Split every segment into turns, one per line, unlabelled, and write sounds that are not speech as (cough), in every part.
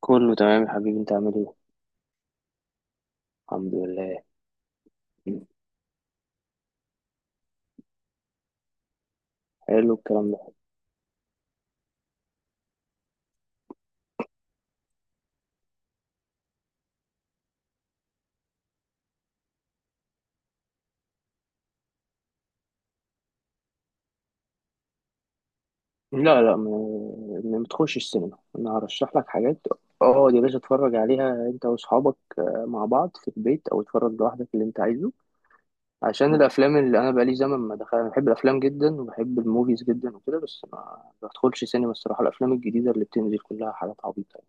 كله تمام يا حبيبي، انت عامل ايه؟ الحمد لله. حلو الكلام ده. لا لا، ما بتخش السينما، انا هرشح لك حاجات. اه يا باشا، اتفرج عليها انت واصحابك، آه، مع بعض في البيت او اتفرج لوحدك اللي انت عايزه. عشان الافلام اللي انا بقالي زمن ما دخل، انا بحب الافلام جدا وبحب الموفيز جدا وكده، بس ما بدخلش سينما الصراحه. الافلام الجديده اللي بتنزل كلها حاجات عبيطه.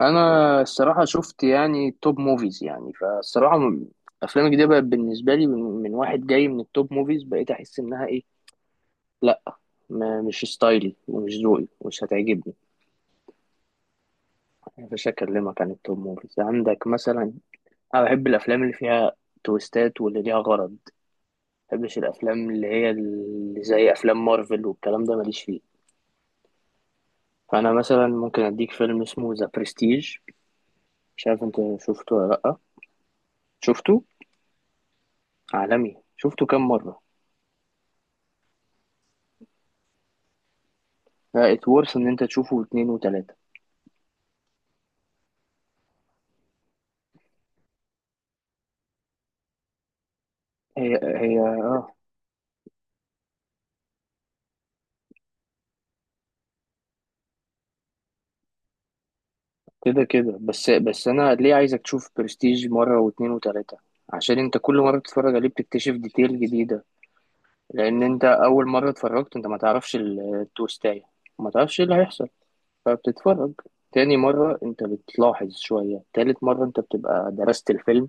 انا الصراحه شفت يعني توب موفيز يعني فالصراحه افلام الجديده بقت بالنسبه لي من واحد جاي من التوب موفيز، بقيت احس انها ايه، لا، ما مش ستايلي ومش ذوقي ومش هتعجبني. مش هكلمك عن التوب موفيز عندك مثلا. انا بحب الافلام اللي فيها تويستات واللي ليها غرض ما، بحبش الافلام اللي هي اللي زي افلام مارفل والكلام ده، ماليش فيه. فانا مثلا ممكن اديك فيلم اسمه ذا برستيج، مش عارف انت شفته ولا لا، شفته؟ عالمي، شفته كام مره؟ ات ورث ان انت تشوفه اتنين وتلاتة. هي هي اه، كده كده، بس انا ليه عايزك تشوف برستيج مرة واتنين وتلاتة؟ عشان انت كل مرة بتتفرج عليه بتكتشف ديتيل جديدة. لان انت اول مرة اتفرجت انت ما تعرفش التويستاية، ما تعرفش ايه اللي هيحصل، فبتتفرج. تاني مرة انت بتلاحظ شوية، تالت مرة انت بتبقى درست الفيلم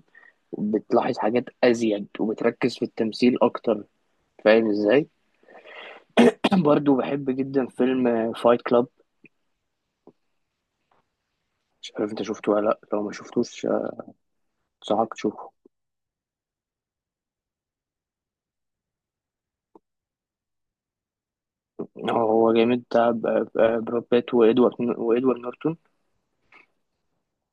وبتلاحظ حاجات ازيد وبتركز في التمثيل اكتر. فاهم ازاي؟ (clears throat) برضو بحب جدا فيلم فايت كلاب، مش عارف انت شفته ولا لا، لو ما شفتوش انصحك تشوفه. هو جامد، بتاع براد بيت وادوارد نورتون،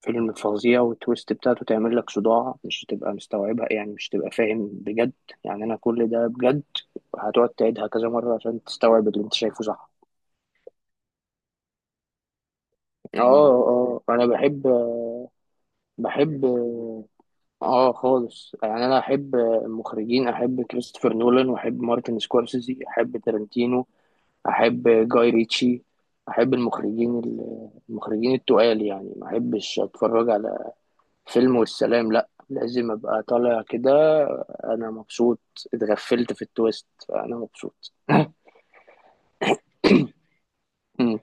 فيلم فظيع، والتويست بتاعته تعمل لك صداع، مش هتبقى مستوعبها يعني، مش هتبقى فاهم بجد يعني، انا كل ده بجد. هتقعد تعيدها كذا مرة عشان تستوعب اللي انت شايفه، صح. اه، اه انا بحب، بحب اه خالص يعني، انا احب المخرجين، احب كريستوفر نولان واحب مارتن سكورسيزي، احب تارنتينو، احب جاي ريتشي، احب المخرجين المخرجين التقال، يعني ما احبش اتفرج على فيلم والسلام، لا لازم ابقى طالع كده انا مبسوط، اتغفلت في التويست، فانا مبسوط. مم.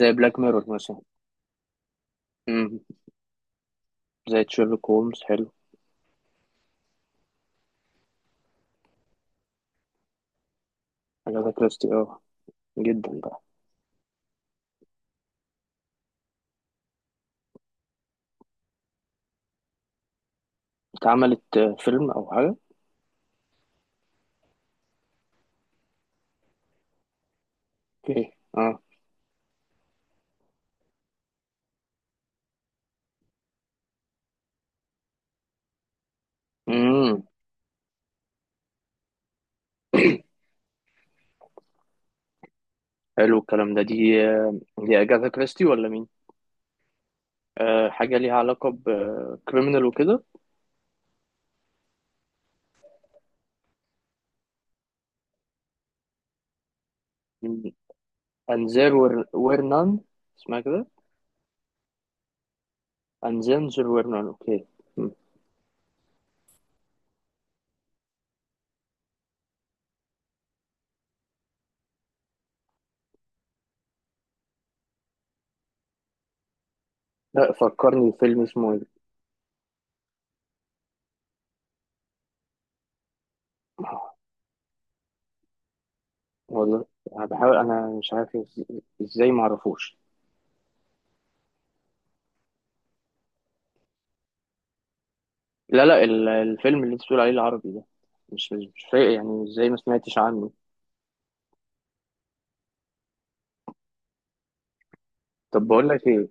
زي بلاك ميرور مثلا. مم. زي شيرلوك هولمز، حلو. اجاثا كريستي، اه، جدا بقى. اتعملت، آه، فيلم او حاجه؟ اوكي اه. امم. حلو الكلام ده، دي آه، دي اجاثا كريستي ولا مين؟ آه، حاجه ليها علاقه بكريمنال وكده. أنذير ورنان، اسمها كده، أنذير ورنان، أوكي، م. لا فكرني فيلم اسمه إيه. والله أنا بحاول، أنا مش عارف إزاي معرفوش. لا لا، الفيلم اللي أنت بتقول عليه العربي ده مش فايق يعني إزاي ما سمعتش عنه. طب بقول لك إيه،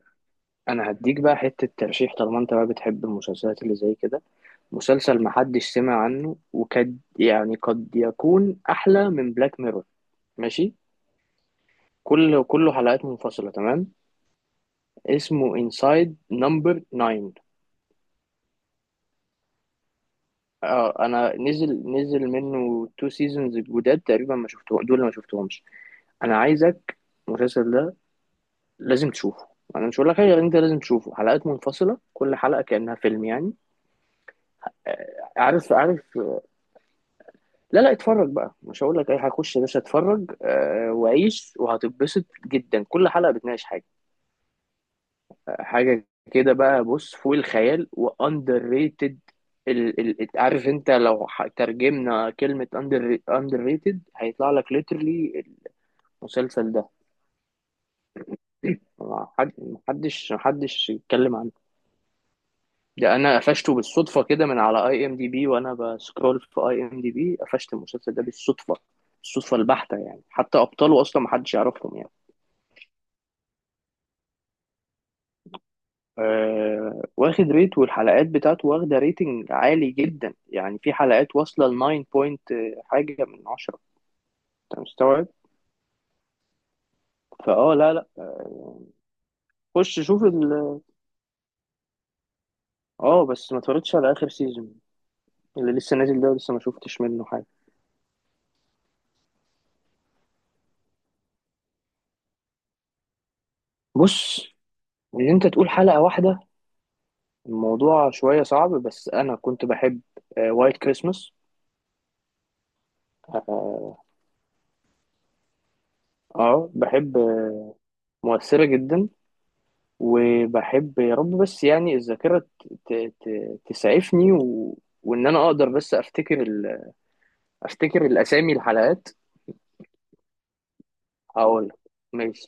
أنا هديك بقى حتة ترشيح، طالما أنت بقى بتحب المسلسلات اللي زي كده، مسلسل محدش سمع عنه وكاد يعني قد يكون أحلى من بلاك ميرور، ماشي، كله حلقات منفصلة، تمام، اسمه انسايد نمبر 9. اه انا نزل منه تو سيزونز الجداد تقريبا، ما شفتهم دول، ما شفتهمش. انا عايزك، المسلسل ده لازم تشوفه. انا مش هقول لك حاجه غير انت لازم تشوفه، حلقات منفصله، كل حلقه كانها فيلم يعني. آه، عارف عارف، آه، لا لا، اتفرج بقى، مش هقول لك ايه، هخش يا باشا اتفرج آه، وعيش، وهتتبسط جدا، كل حلقه بتناقش حاجه، حاجة كده بقى. بص، فوق الخيال، واندر ريتد، ال عارف انت لو ترجمنا كلمة اندر ريتد، هيطلع لك ليترلي المسلسل ده، ما حد- محدش يتكلم عنه. ده انا قفشته بالصدفة كده من على اي ام دي بي وانا بسكرول في اي ام دي بي، قفشت المسلسل ده بالصدفة، الصدفة البحتة يعني، حتى ابطاله اصلا محدش يعرفهم يعني. آه، واخد ريت، والحلقات بتاعته واخدة ريتنج عالي جدا، يعني في حلقات واصلة ل 9 بوينت حاجة من 10. انت مستوعب؟ فاه، لا لا، خش شوف ال، اه بس ما اتفرجتش على اخر سيزون اللي لسه نازل ده، لسه ما شفتش منه حاجة. بص، ان انت تقول حلقة واحدة الموضوع شوية صعب، بس انا كنت بحب وايت كريسمس، اه White Christmas، آه، آه، بحب آه، مؤثرة جدا. وبحب يا رب بس يعني الذاكرة تسعفني وإن أنا أقدر بس أفتكر أفتكر الأسامي الحلقات، هقول، ماشي.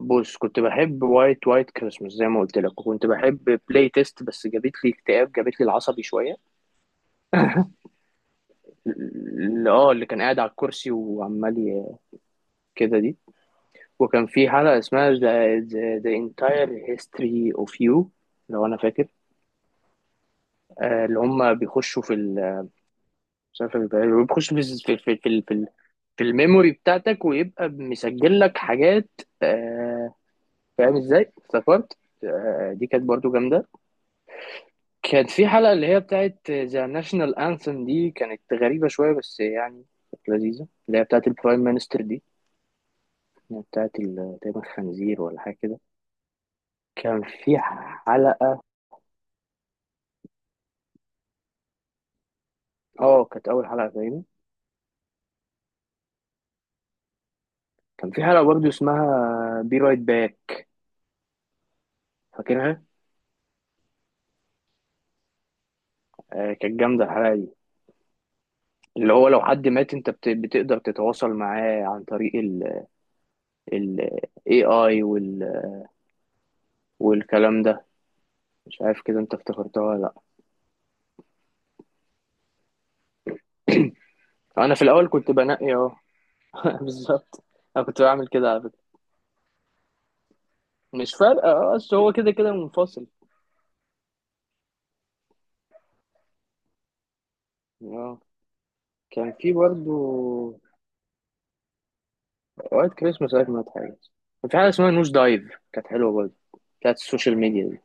بص، كنت بحب وايت كريسمس زي ما قلت لك، وكنت بحب بلاي تيست، بس جابت لي اكتئاب، جابت لي العصبي شوية. (laughs) اللي كان قاعد على الكرسي وعمال كده، دي. وكان في حلقة اسمها the entire history of you لو أنا فاكر. آه، اللي هم بيخشوا في ال، مش عارف يبقى إيه. بيخش في الميموري بتاعتك ويبقى مسجل لك حاجات، آه. فاهم ازاي؟ افتكرت، آه، دي كانت برضو جامدة. كانت في حلقة اللي هي بتاعت ذا ناشونال انثم، دي كانت غريبة شوية بس يعني كانت لذيذة، اللي هي بتاعت البرايم مينستر دي، اللي هي بتاعت تقريبا خنزير ولا حاجة كده. كان في حلقة، اه كانت أول حلقة تقريبا. كان في حلقة برضو اسمها بي رايت باك، فاكرها؟ آه، كانت جامدة الحلقة دي، اللي هو لو حد مات انت بتقدر تتواصل معاه عن طريق ال، ال AI وال، والكلام ده، مش عارف كده انت افتكرتها ولا. لا انا في الاول كنت بنقي اهو. (laughs) بالظبط، انا كنت بعمل كده على فكرة. مش فارقة اه اصل هو كده كده منفصل. اه كان في برضو اوقات كريسماس، اوقات مات حاجة. كان في حاجة اسمها نوش دايف، كانت حلوة برضو، بتاعت السوشيال ميديا دي،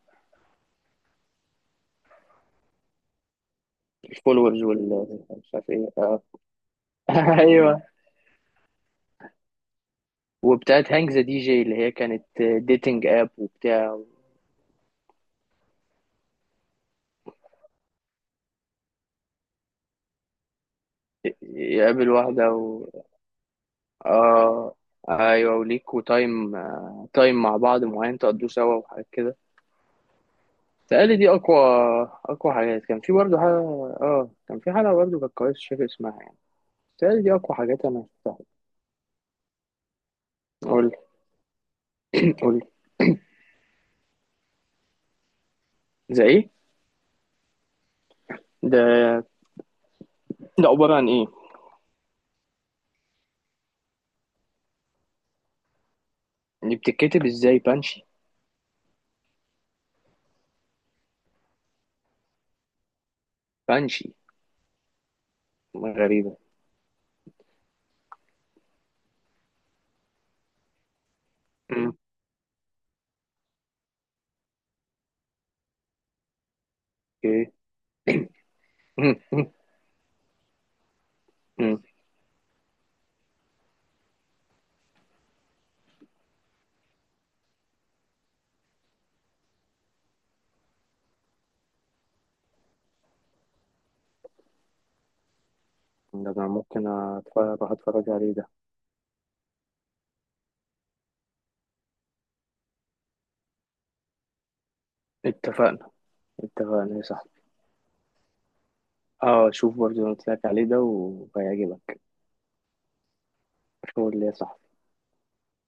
الفولورز وال، مش عارف ايه، اه (laughs) ايوه. وبتاعت هانج ذا دي جي اللي هي كانت ديتنج اب وبتاع، يقابل واحدة و، اه ايوه، وليكوا تايم، آه، تايم مع بعض معين تقضوه سوا وحاجات كده. تقالي دي اقوى، اقوى حاجات كان في برضه حاجة. اه كان في حلقة برضه كانت كويسة مش فاكر اسمها يعني، تقالي دي اقوى حاجات انا شفتها. قول، قول زي ايه؟ ده ده عبارة عن ايه؟ اللي بتتكتب ازاي بانشي؟ بانشي، غريبة، أمم، اوكي، أمم، أمم. ده انا ممكن اتفرج اروح اتفرج عليه ده. اتفقنا، اتفقنا يا صاحبي، اه شوف برضو اللي قلت لك عليه ده وهيعجبك، شغل ليا صح.